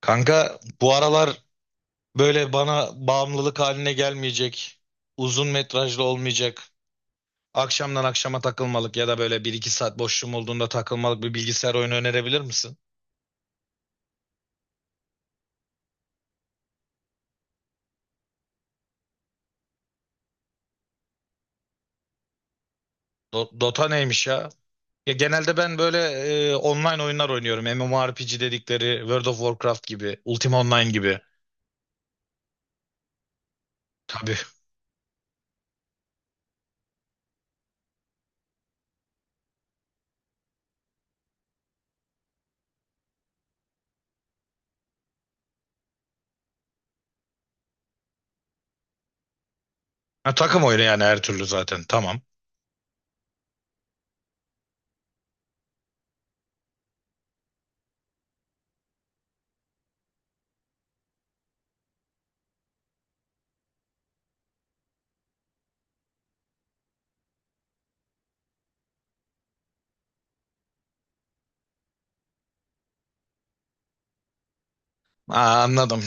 Kanka bu aralar böyle bana bağımlılık haline gelmeyecek, uzun metrajlı olmayacak, akşamdan akşama takılmalık ya da böyle bir iki saat boşluğum olduğunda takılmalık bir bilgisayar oyunu önerebilir misin? Dota neymiş ya? Ya genelde ben böyle online oyunlar oynuyorum. MMORPG dedikleri World of Warcraft gibi, Ultima Online gibi. Tabii. Ha, takım oyunu yani her türlü zaten. Tamam. Aa, anladım.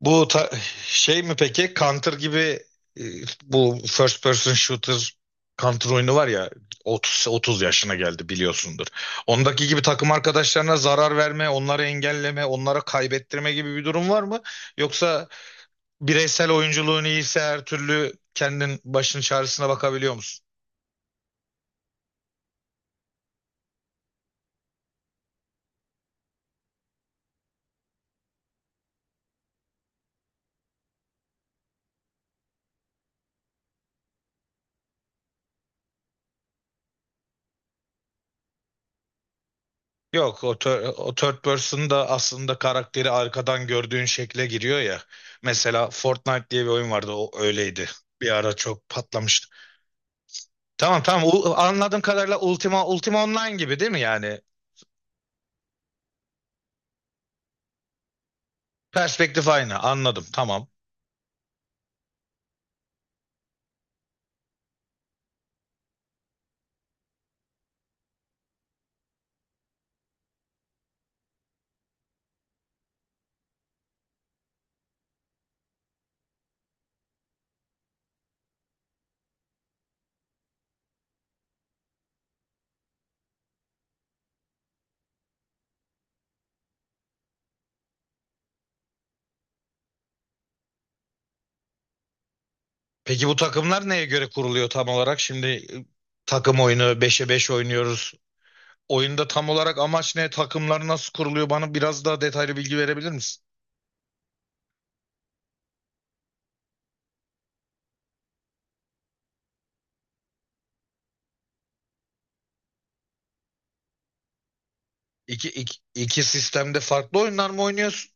Bu ta- Şey mi peki? Counter gibi, e, bu first person shooter Counter oyunu var ya, 30 yaşına geldi biliyorsundur. Ondaki gibi takım arkadaşlarına zarar verme, onları engelleme, onlara kaybettirme gibi bir durum var mı? Yoksa bireysel oyunculuğun iyiyse her türlü kendin başın çaresine bakabiliyor musun? Yok, o third person da aslında karakteri arkadan gördüğün şekle giriyor ya. Mesela Fortnite diye bir oyun vardı, o öyleydi. Bir ara çok patlamıştı. Tamam, tamam, anladığım kadarıyla Ultima Online gibi değil mi yani? Perspektif aynı, anladım, tamam. Peki bu takımlar neye göre kuruluyor tam olarak? Şimdi takım oyunu beşe 5 oynuyoruz. Oyunda tam olarak amaç ne? Takımlar nasıl kuruluyor? Bana biraz daha detaylı bilgi verebilir misin? İki sistemde farklı oyunlar mı oynuyorsun?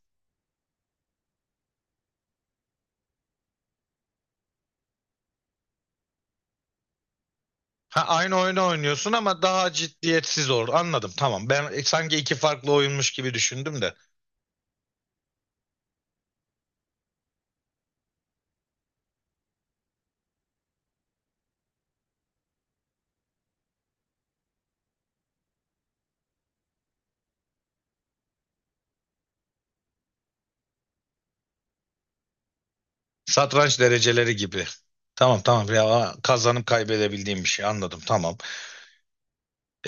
Ha, aynı oyunu oynuyorsun ama daha ciddiyetsiz olur. Anladım, tamam. Ben sanki iki farklı oyunmuş gibi düşündüm de. Satranç dereceleri gibi. Tamam, tamam, ya kazanıp kaybedebildiğim bir şey, anladım, tamam.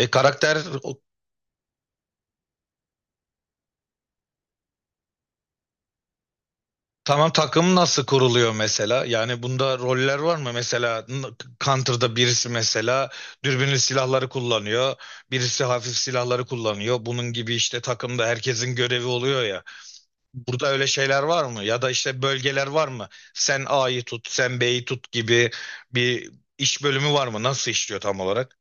E karakter o- tamam, takım nasıl kuruluyor mesela? Yani bunda roller var mı? Counter'da birisi mesela dürbünlü silahları kullanıyor. Birisi hafif silahları kullanıyor. Bunun gibi işte takımda herkesin görevi oluyor ya. Burada öyle şeyler var mı? Ya da işte bölgeler var mı? Sen A'yı tut, sen B'yi tut gibi bir iş bölümü var mı? Nasıl işliyor tam olarak?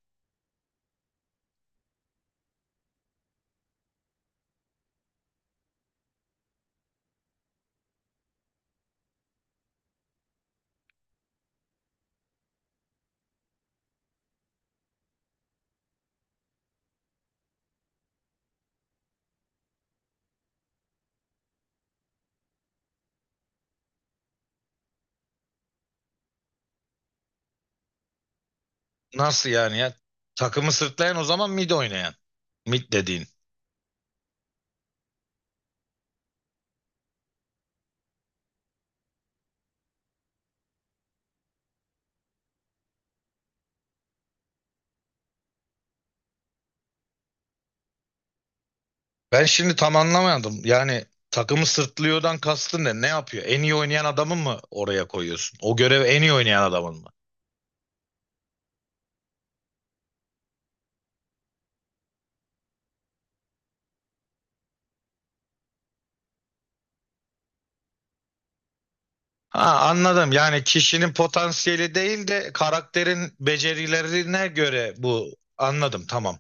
Nasıl yani ya? Takımı sırtlayan o zaman mid oynayan. Mid dediğin. Ben şimdi tam anlamadım. Yani takımı sırtlıyordan kastın ne? Ne yapıyor? En iyi oynayan adamın mı oraya koyuyorsun? O görevi en iyi oynayan adamın mı? Ha, anladım. Yani kişinin potansiyeli değil de karakterin becerilerine göre bu. Anladım, tamam.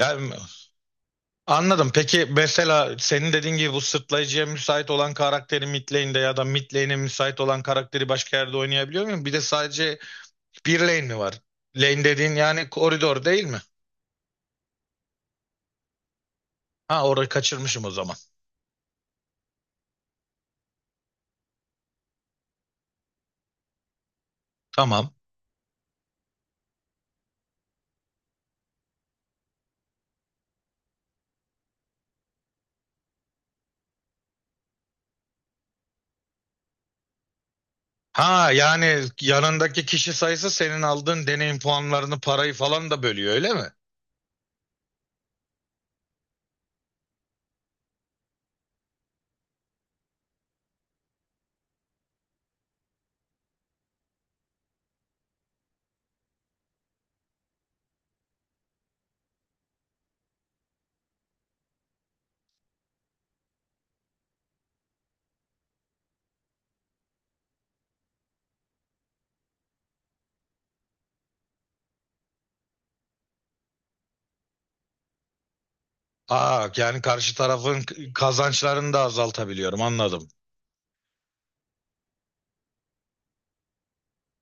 Yani anladım. Peki mesela senin dediğin gibi bu sırtlayıcıya müsait olan karakteri mid lane'de ya da mid lane'e müsait olan karakteri başka yerde oynayabiliyor muyum? Bir de sadece bir lane mi var? Lane dediğin yani koridor değil mi? Ha, orayı kaçırmışım o zaman. Tamam. Ha, yani yanındaki kişi sayısı senin aldığın deneyim puanlarını, parayı falan da bölüyor öyle mi? Aa yani karşı tarafın kazançlarını da azaltabiliyorum, anladım.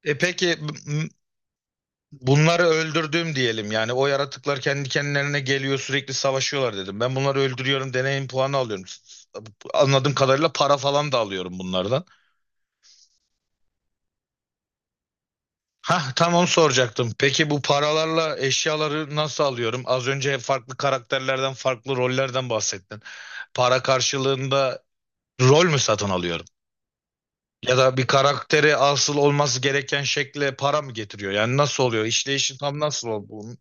E peki m- m- Bunları öldürdüm diyelim, yani o yaratıklar kendi kendilerine geliyor, sürekli savaşıyorlar dedim. Ben bunları öldürüyorum, deneyim puanı alıyorum. Anladığım kadarıyla para falan da alıyorum bunlardan. Hah, tam onu soracaktım. Peki bu paralarla eşyaları nasıl alıyorum? Az önce farklı karakterlerden, farklı rollerden bahsettin. Para karşılığında rol mü satın alıyorum? Ya da bir karakteri asıl olması gereken şekle para mı getiriyor? Yani nasıl oluyor? İşleyişi tam nasıl oluyor bunun?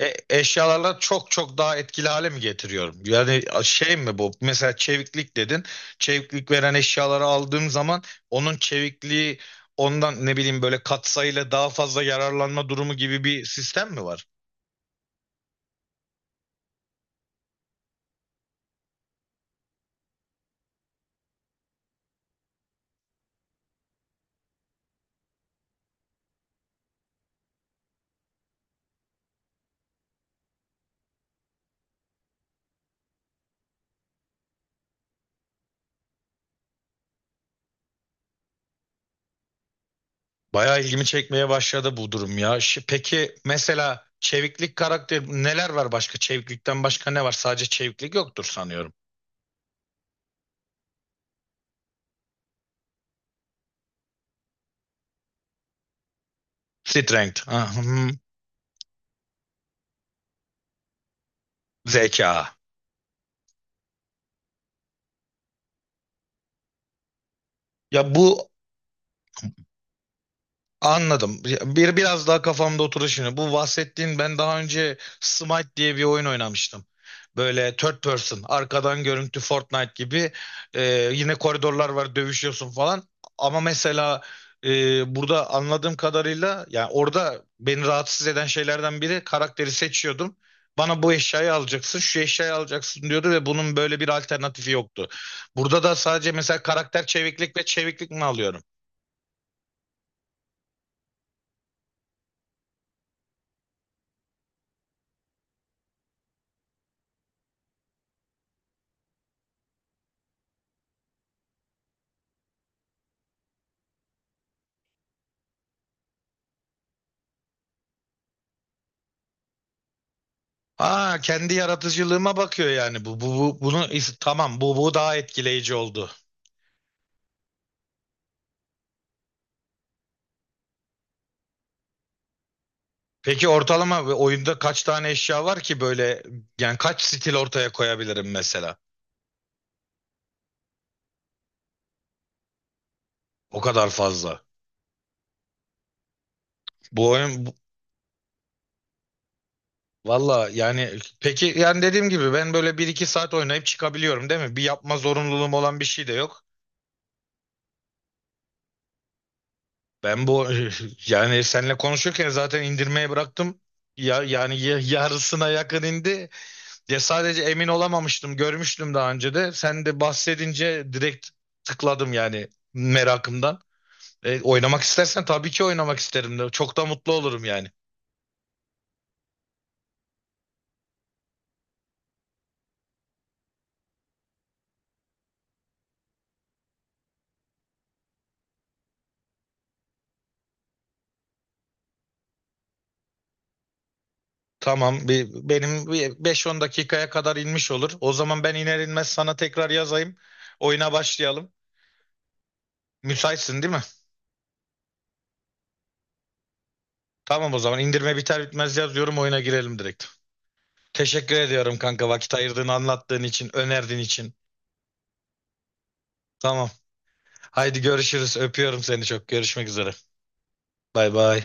Eşyalarla çok çok daha etkili hale mi getiriyorum? Yani şey mi bu? Mesela çeviklik dedin. Çeviklik veren eşyaları aldığım zaman onun çevikliği ondan ne bileyim böyle katsayıyla daha fazla yararlanma durumu gibi bir sistem mi var? Bayağı ilgimi çekmeye başladı bu durum ya. Peki mesela çeviklik karakteri neler var başka? Çeviklikten başka ne var? Sadece çeviklik yoktur sanıyorum. Strength, ah, hmm, zeka. Ya bu Anladım. Bir biraz daha kafamda oturdu şimdi. Bu bahsettiğin, ben daha önce Smite diye bir oyun oynamıştım. Böyle third person, arkadan görüntü Fortnite gibi. Yine koridorlar var, dövüşüyorsun falan. Ama mesela burada anladığım kadarıyla, yani orada beni rahatsız eden şeylerden biri, karakteri seçiyordum. Bana bu eşyayı alacaksın, şu eşyayı alacaksın diyordu ve bunun böyle bir alternatifi yoktu. Burada da sadece mesela karakter çeviklik ve çeviklik mi alıyorum? Aa, kendi yaratıcılığıma bakıyor yani bunu tamam, bu daha etkileyici oldu. Peki ortalama ve oyunda kaç tane eşya var ki böyle, yani kaç stil ortaya koyabilirim mesela? O kadar fazla. Bu oyun bu- Valla yani, peki yani dediğim gibi ben böyle bir iki saat oynayıp çıkabiliyorum değil mi? Bir yapma zorunluluğum olan bir şey de yok. Ben bu Yani seninle konuşurken zaten indirmeye bıraktım. Ya yani yarısına yakın indi. Ya sadece emin olamamıştım. Görmüştüm daha önce de. Sen de bahsedince direkt tıkladım yani, merakımdan. Oynamak istersen tabii ki oynamak isterim de. Çok da mutlu olurum yani. Tamam, benim bir 5-10 dakikaya kadar inmiş olur. O zaman ben iner inmez sana tekrar yazayım. Oyuna başlayalım. Müsaitsin değil mi? Tamam, o zaman indirme biter bitmez yazıyorum, oyuna girelim direkt. Teşekkür ediyorum kanka, vakit ayırdığın, anlattığın için, önerdiğin için. Tamam. Haydi görüşürüz. Öpüyorum seni çok. Görüşmek üzere. Bay bay.